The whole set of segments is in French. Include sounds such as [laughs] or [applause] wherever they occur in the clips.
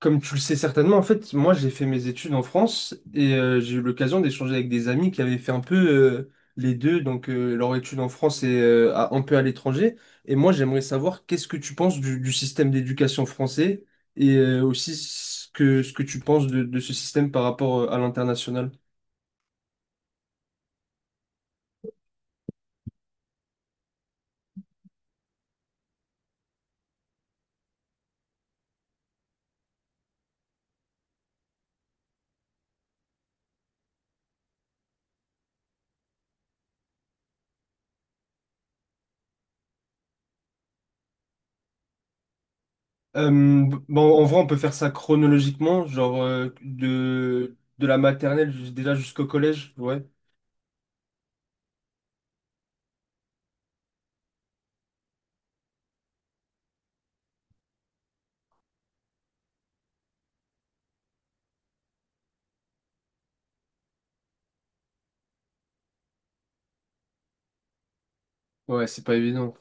Comme tu le sais certainement, en fait, moi j'ai fait mes études en France et j'ai eu l'occasion d'échanger avec des amis qui avaient fait un peu les deux, donc leur étude en France et un peu à l'étranger. Et moi j'aimerais savoir qu'est-ce que tu penses du système d'éducation français et aussi ce que tu penses de ce système par rapport à l'international. Euh, bon, en vrai, on peut faire ça chronologiquement, genre de la maternelle déjà jusqu'au collège, ouais. Ouais, c'est pas évident.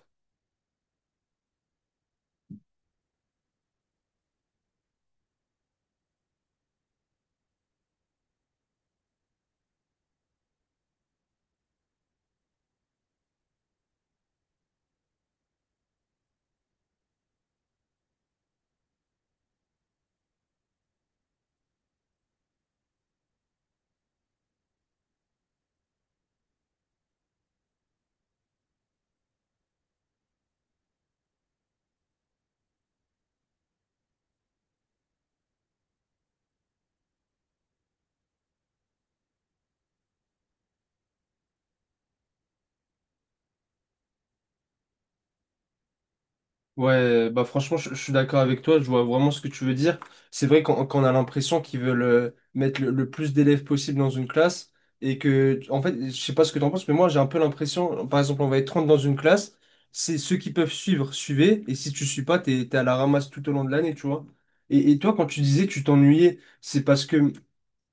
Ouais, bah franchement, je suis d'accord avec toi, je vois vraiment ce que tu veux dire. C'est vrai qu'on a l'impression qu'ils veulent mettre le plus d'élèves possible dans une classe, et que, en fait, je sais pas ce que t'en penses, mais moi j'ai un peu l'impression, par exemple, on va être 30 dans une classe, c'est ceux qui peuvent suivre, suivez, et si tu suis pas, t'es à la ramasse tout au long de l'année, tu vois. Et toi, quand tu disais que tu t'ennuyais, c'est parce que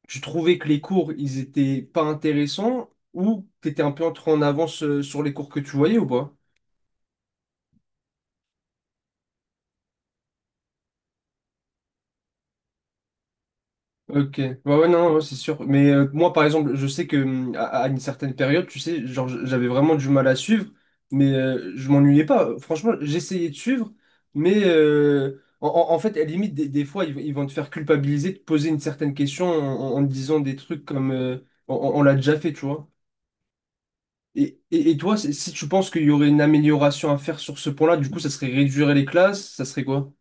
tu trouvais que les cours, ils étaient pas intéressants, ou t'étais un peu en trop en avance sur les cours que tu voyais ou pas? Ok, ouais, ouais, non, ouais, c'est sûr. Mais moi, par exemple, je sais que à une certaine période, tu sais, genre, j'avais vraiment du mal à suivre, mais je m'ennuyais pas. Franchement, j'essayais de suivre, mais en fait, à la limite, des fois, ils vont te faire culpabiliser de poser une certaine question en disant des trucs comme on l'a déjà fait, tu vois. Et toi, si tu penses qu'il y aurait une amélioration à faire sur ce point-là, du coup, ça serait réduire les classes, ça serait quoi?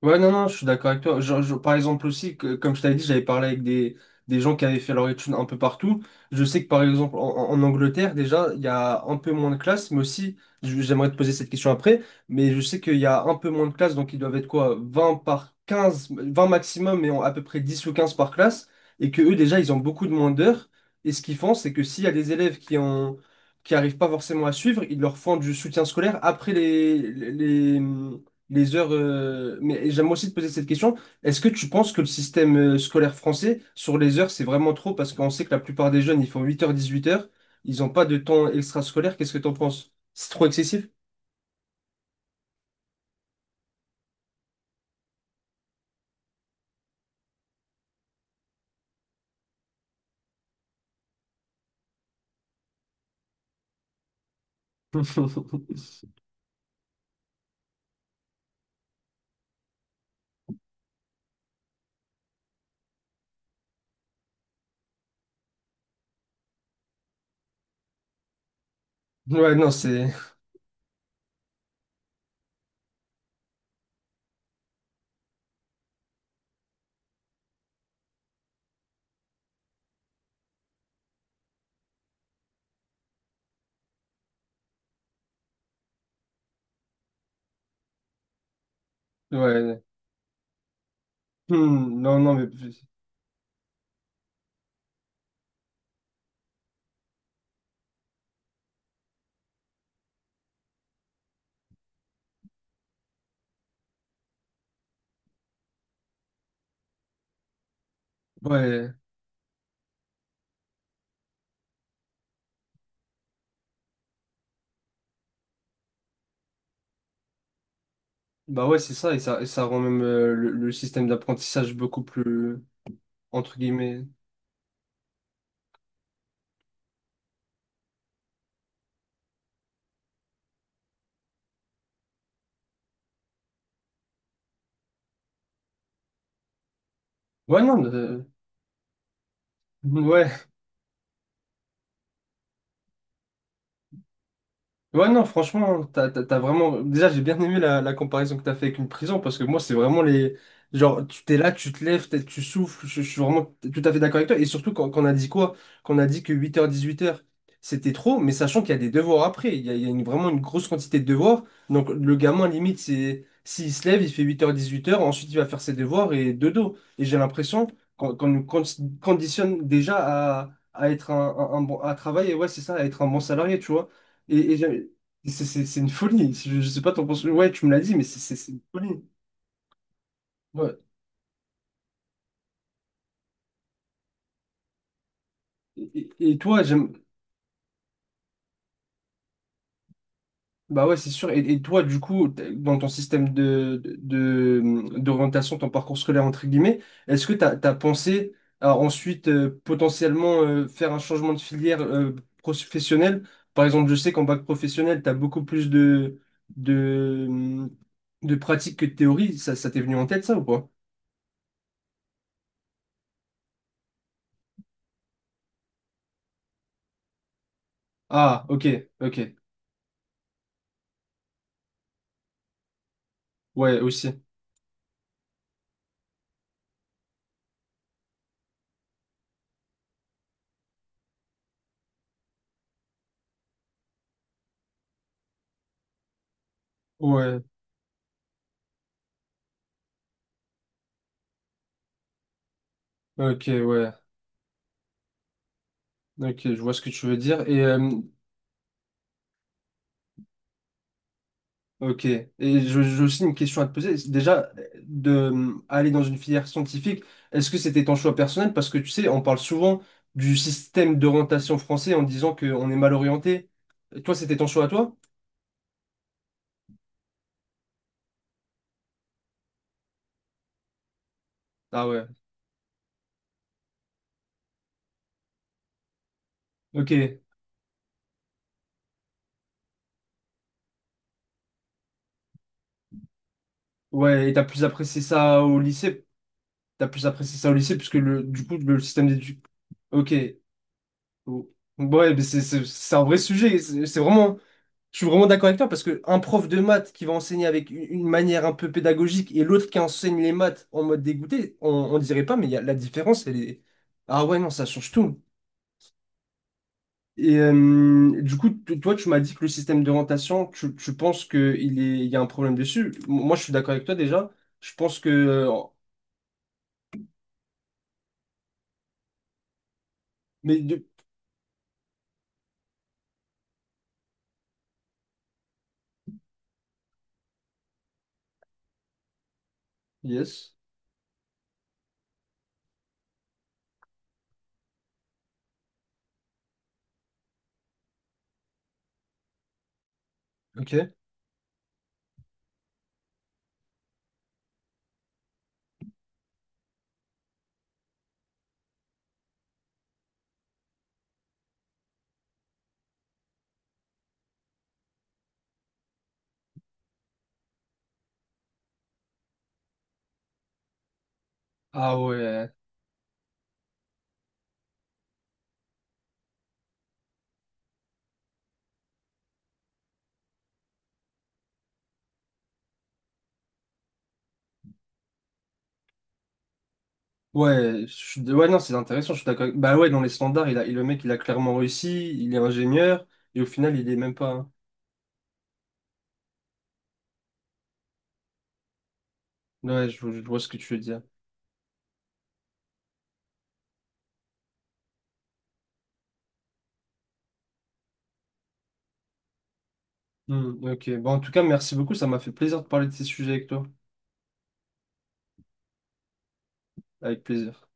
Ouais, non, non, je suis d'accord avec toi. Par exemple aussi, que, comme je t'avais dit, j'avais parlé avec des gens qui avaient fait leur étude un peu partout. Je sais que par exemple en Angleterre, déjà, il y a un peu moins de classes, mais aussi, j'aimerais te poser cette question après, mais je sais qu'il y a un peu moins de classes, donc ils doivent être quoi, 20 par 15, 20 maximum, mais en à peu près 10 ou 15 par classe, et que eux, déjà, ils ont beaucoup de moins d'heures. Et ce qu'ils font, c'est que s'il y a des élèves qui ont, qui arrivent pas forcément à suivre, ils leur font du soutien scolaire après les heures. Mais j'aime aussi te poser cette question. Est-ce que tu penses que le système scolaire français, sur les heures, c'est vraiment trop? Parce qu'on sait que la plupart des jeunes, ils font 8h-18h. Ils n'ont pas de temps extrascolaire. Qu'est-ce que tu en penses? C'est trop excessif? [laughs] Ouais, non, c'est. Ouais. Hmm, non, non, mais. Ouais. Bah ouais, c'est ça. Et ça rend même le système d'apprentissage beaucoup plus. Entre guillemets. Ouais, non. Ouais. Ouais, non, franchement, t'as vraiment. Déjà, j'ai bien aimé la comparaison que t'as fait avec une prison parce que moi, c'est vraiment les. Genre, tu t'es là, tu te lèves, tu souffles, je suis vraiment tout à fait d'accord avec toi. Et surtout, quand on a dit quoi? Quand on a dit que 8h-18h c'était trop, mais sachant qu'il y a des devoirs après. Il y a vraiment une grosse quantité de devoirs. Donc, le gamin, limite, c'est. S'il se lève, il fait 8h-18h, ensuite il va faire ses devoirs et dodo. Et j'ai l'impression qu'on nous conditionne déjà à être un bon. À travailler, ouais, c'est ça, à être un bon salarié, tu vois. Et c'est une folie. Je sais pas, t'en penses. Ouais, tu me l'as dit, mais c'est une folie. Ouais. Et toi, j'aime. Bah ouais, c'est sûr. Et toi, du coup, dans ton système d'orientation, ton parcours scolaire, entre guillemets, est-ce que t'as pensé à ensuite potentiellement faire un changement de filière professionnelle? Par exemple, je sais qu'en bac professionnel, t'as beaucoup plus de, hum, de pratiques que de théories. Ça t'est venu en tête, ça ou pas? Ah, ok, ok. Ouais, aussi. Ouais. Ok, ouais. Ok, je vois ce que tu veux dire. Et ok. J'ai aussi une question à te poser. C'est. Déjà, de aller dans une filière scientifique, est-ce que c'était ton choix personnel? Parce que tu sais, on parle souvent du système d'orientation français en disant qu'on est mal orienté. Et toi, c'était ton choix à toi? Ah ouais. Ok. Ouais, et t'as plus apprécié ça au lycée? T'as plus apprécié ça au lycée puisque le, du coup, le système d'éducation. Ok. Ouais, mais c'est un vrai sujet. C'est vraiment. Je suis vraiment d'accord avec toi parce que un prof de maths qui va enseigner avec une manière un peu pédagogique et l'autre qui enseigne les maths en mode dégoûté, on dirait pas, mais il y a, la différence, elle est. Ah ouais, non, ça change tout. Et du coup, toi, tu m'as dit que le système d'orientation, tu penses qu'il est, il y a un problème dessus. Moi, je suis d'accord avec toi déjà. Je pense que. Mais. Yes. Ok. Ah ouais. Ouais, ouais, non, c'est intéressant, je suis d'accord. Bah ouais, dans les standards, il le mec, il a clairement réussi, il est ingénieur, et au final, il est même pas, hein. Ouais, je vois ce que tu veux dire. Hmm, ok. Bon, en tout cas, merci beaucoup. Ça m'a fait plaisir de parler de ces sujets avec toi. Avec plaisir.